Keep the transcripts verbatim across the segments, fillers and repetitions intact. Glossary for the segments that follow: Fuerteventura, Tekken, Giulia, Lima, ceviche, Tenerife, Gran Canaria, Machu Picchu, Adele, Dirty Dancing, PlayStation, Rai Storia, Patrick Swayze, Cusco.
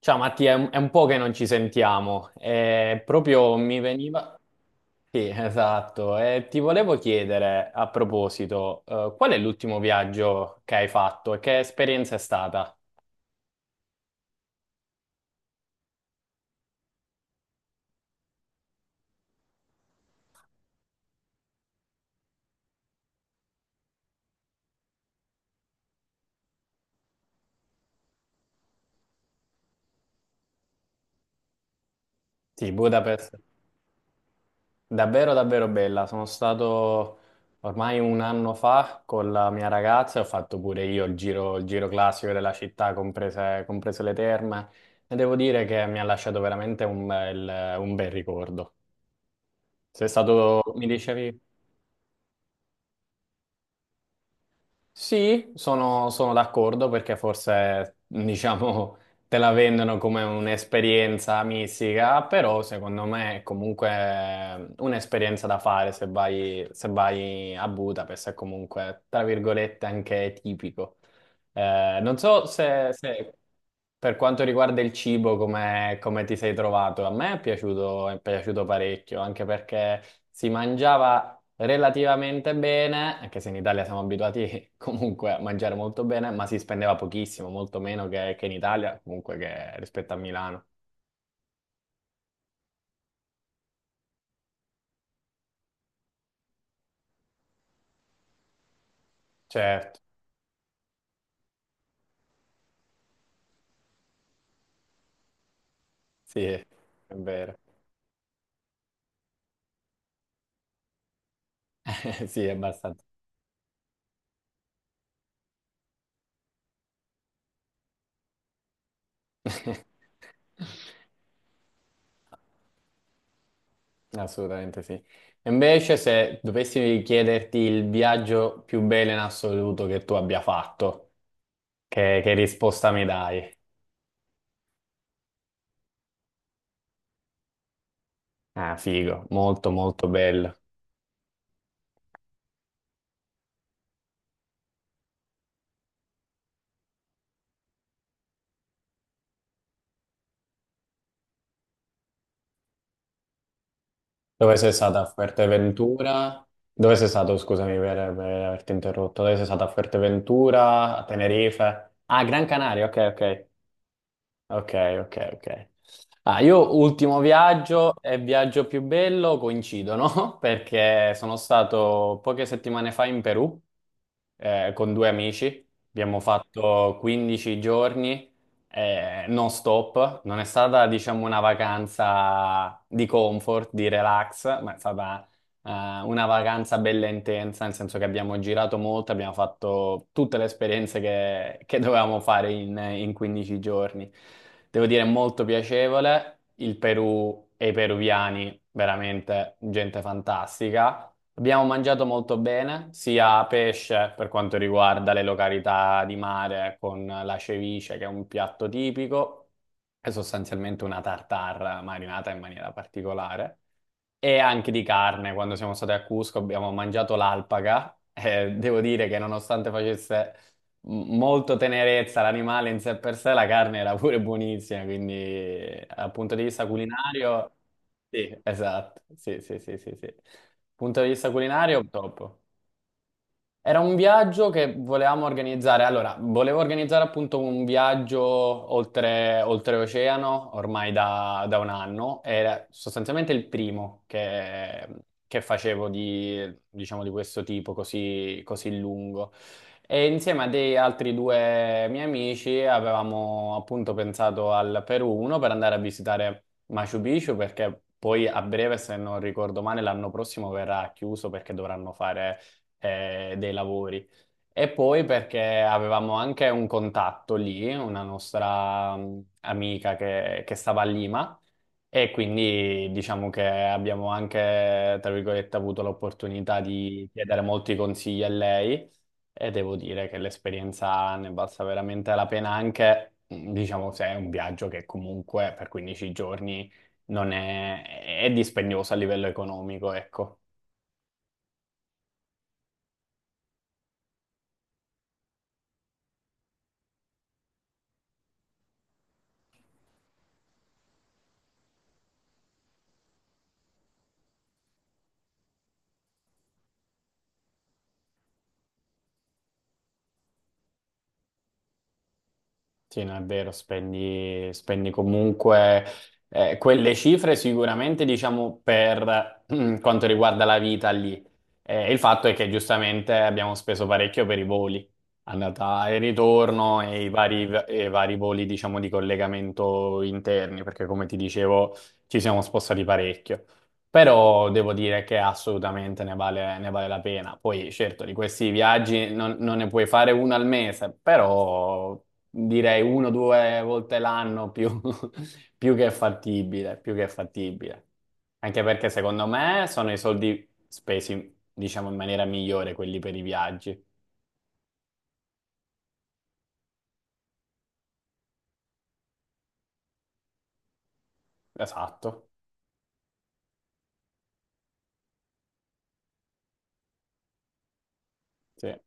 Ciao Mattia, è un, è un po' che non ci sentiamo. Eh, proprio mi veniva... Sì, esatto. E ti volevo chiedere, a proposito, eh, qual è l'ultimo viaggio che hai fatto e che esperienza è stata? Sì, Budapest. Davvero, davvero bella. Sono stato ormai un anno fa con la mia ragazza e ho fatto pure io il giro, il giro classico della città, comprese, comprese le terme. E devo dire che mi ha lasciato veramente un bel, un bel ricordo. Sei stato, mi dicevi? Sì, sono, sono d'accordo perché forse, diciamo, te la vendono come un'esperienza mistica, però secondo me è comunque un'esperienza da fare se vai, se vai a Budapest, è comunque, tra virgolette, anche tipico. Eh, non so se, se- per quanto riguarda il cibo, come, come ti sei trovato? A me è piaciuto, è piaciuto parecchio, anche perché si mangiava relativamente bene, anche se in Italia siamo abituati comunque a mangiare molto bene, ma si spendeva pochissimo, molto meno che, che in Italia, comunque che rispetto a Milano. Certo, sì, è vero. Sì, è abbastanza. Assolutamente sì. Invece, se dovessi chiederti il viaggio più bello in assoluto che tu abbia fatto. Che, che risposta mi dai? Ah, figo, molto molto bello. Dove sei stata a Fuerteventura? Dove sei stato, scusami per, per averti interrotto, dove sei stata a Fuerteventura, a Tenerife? Ah, Gran Canaria, ok, ok. Ok, ok, ok. Ah, io ultimo viaggio e viaggio più bello coincidono perché sono stato poche settimane fa in Perù eh, con due amici. Abbiamo fatto quindici giorni eh, non stop. Non è stata, diciamo, una vacanza di comfort, di relax, ma è stata eh, una vacanza bella intensa, nel senso che abbiamo girato molto, abbiamo fatto tutte le esperienze che, che dovevamo fare in, in quindici giorni. Devo dire, molto piacevole. Il Perù e i peruviani, veramente gente fantastica. Abbiamo mangiato molto bene, sia pesce per quanto riguarda le località di mare con la ceviche, che è un piatto tipico, è sostanzialmente una tartar marinata in maniera particolare e anche di carne, quando siamo stati a Cusco abbiamo mangiato l'alpaca e devo dire che nonostante facesse m- molto tenerezza l'animale in sé per sé, la carne era pure buonissima, quindi dal punto di vista culinario, sì, esatto, sì, sì, sì, sì, sì. Punto di vista culinario, top. Era un viaggio che volevamo organizzare. Allora, volevo organizzare appunto un viaggio oltre, oltreoceano ormai da, da un anno. Era sostanzialmente il primo che, che facevo di, diciamo, di questo tipo così, così lungo. E insieme a degli altri due miei amici avevamo appunto pensato al Perù, uno per andare a visitare Machu Picchu, perché poi a breve, se non ricordo male, l'anno prossimo verrà chiuso perché dovranno fare eh, dei lavori. E poi perché avevamo anche un contatto lì, una nostra mh, amica che, che stava a Lima e quindi diciamo che abbiamo anche, tra virgolette, avuto l'opportunità di chiedere molti consigli a lei e devo dire che l'esperienza ne è valsa veramente la pena anche, mh, diciamo, se è un viaggio che comunque per quindici giorni non è, è dispendioso a livello economico, ecco. Sì, no, è vero, spendi, spendi comunque eh, quelle cifre sicuramente, diciamo, per mm, quanto riguarda la vita lì. Eh, il fatto è che giustamente abbiamo speso parecchio per i voli, andata e ritorno e i vari, e i vari voli, diciamo, di collegamento interni, perché come ti dicevo ci siamo spostati parecchio. Però devo dire che assolutamente ne vale, ne vale la pena. Poi, certo, di questi viaggi non, non ne puoi fare uno al mese, però direi uno o due volte l'anno più, più che fattibile, più che fattibile. Anche perché secondo me sono i soldi spesi, diciamo, in maniera migliore quelli per i viaggi. Esatto, sì.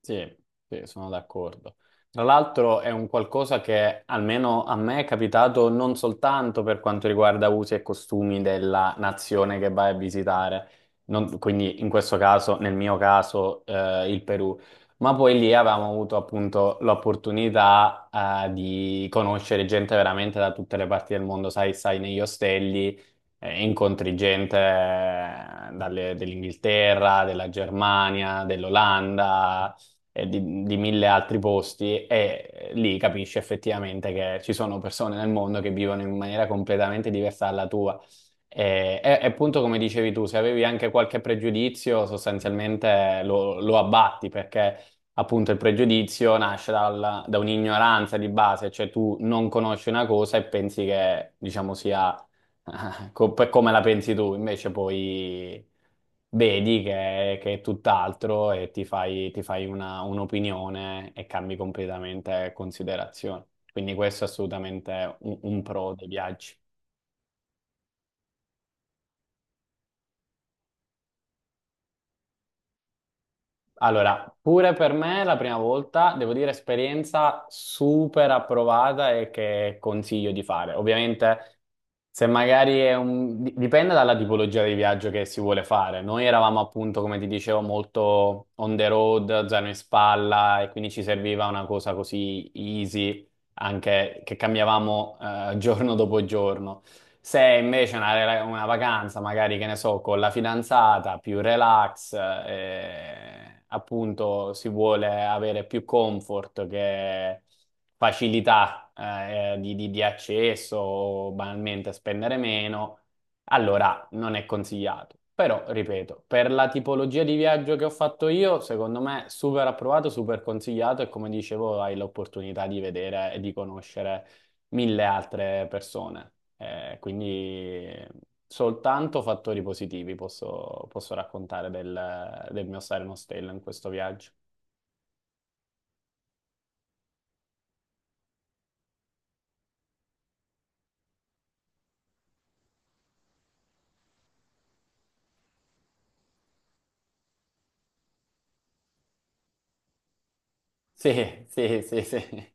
Sì, sì, sono d'accordo. Tra l'altro è un qualcosa che almeno a me è capitato non soltanto per quanto riguarda usi e costumi della nazione che vai a visitare, non- quindi in questo caso, nel mio caso, eh, il Perù, ma poi lì avevamo avuto appunto l'opportunità, eh, di conoscere gente veramente da tutte le parti del mondo, sai, sai, negli ostelli eh, incontri gente eh, dalle- dell'Inghilterra, della Germania, dell'Olanda, e di, di mille altri posti e lì capisci effettivamente che ci sono persone nel mondo che vivono in maniera completamente diversa dalla tua. E, e- e appunto come dicevi tu, se avevi anche qualche pregiudizio, sostanzialmente lo, lo abbatti perché appunto il pregiudizio nasce dal- da un'ignoranza di base, cioè tu non conosci una cosa e pensi che, diciamo, sia co- per come la pensi tu, invece poi vedi che, che è tutt'altro e ti fai, ti fai una- un'opinione e cambi completamente considerazione. Quindi questo è assolutamente un, un pro dei viaggi. Allora, pure per me la prima volta, devo dire, esperienza super approvata e che consiglio di fare. Ovviamente, se magari è un... di- dipende dalla tipologia di viaggio che si vuole fare. Noi eravamo appunto, come ti dicevo, molto on the road, zaino in spalla, e quindi ci serviva una cosa così easy anche che cambiavamo eh, giorno dopo giorno. Se invece una, rela- una vacanza, magari che ne so, con la fidanzata, più relax, eh, appunto si vuole avere più comfort che facilità eh, di, di- di accesso, o banalmente spendere meno. Allora, non è consigliato, però ripeto, per la tipologia di viaggio che ho fatto io, secondo me super approvato, super consigliato e come dicevo hai l'opportunità di vedere e di conoscere mille altre persone. Eh, quindi soltanto fattori positivi posso, posso raccontare del, del mio Silent Tale in questo viaggio. Sì, sì, sì, sì.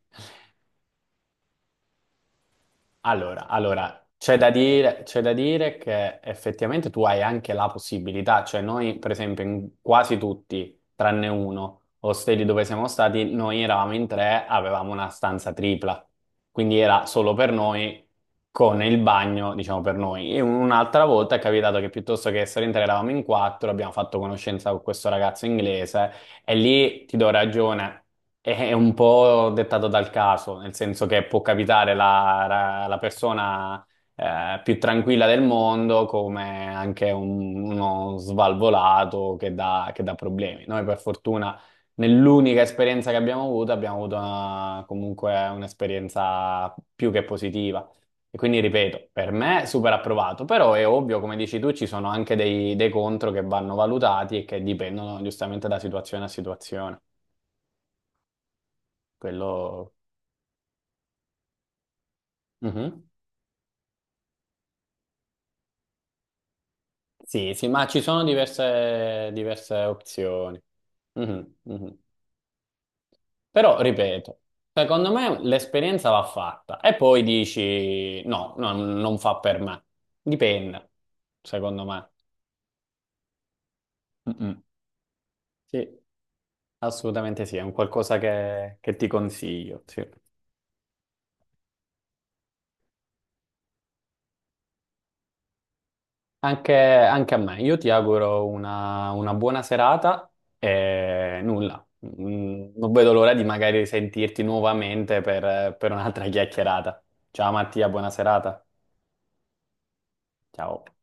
Allora, allora, c'è da dire, c'è da dire che effettivamente tu hai anche la possibilità, cioè noi per esempio in quasi tutti, tranne uno, ostelli dove siamo stati, noi eravamo in tre, avevamo una stanza tripla, quindi era solo per noi, con il bagno, diciamo per noi. E un'altra volta è capitato che piuttosto che essere in tre eravamo in quattro, abbiamo fatto conoscenza con questo ragazzo inglese e lì ti do ragione, è un po' dettato dal caso, nel senso che può capitare la, la- la persona eh, più tranquilla del mondo come anche un- uno svalvolato che dà, che dà problemi. Noi per fortuna nell'unica esperienza che abbiamo avuto abbiamo avuto una- comunque un'esperienza più che positiva. E quindi ripeto, per me super approvato, però è ovvio, come dici tu, ci sono anche dei, dei contro che vanno valutati e che dipendono giustamente da situazione a situazione. Quello... Mhm. Sì, sì, ma ci sono diverse, diverse opzioni. Mhm, mhm. Però, ripeto, secondo me l'esperienza va fatta e poi dici no, no, non fa per me. Dipende, secondo me. Mm, mm. Sì, assolutamente sì, è un qualcosa che, che ti consiglio, sì. Anche, anche a me. Io ti auguro una, una buona serata e nulla. Mm, Non vedo l'ora di magari sentirti nuovamente per per un'altra chiacchierata. Ciao Mattia, buona serata. Ciao.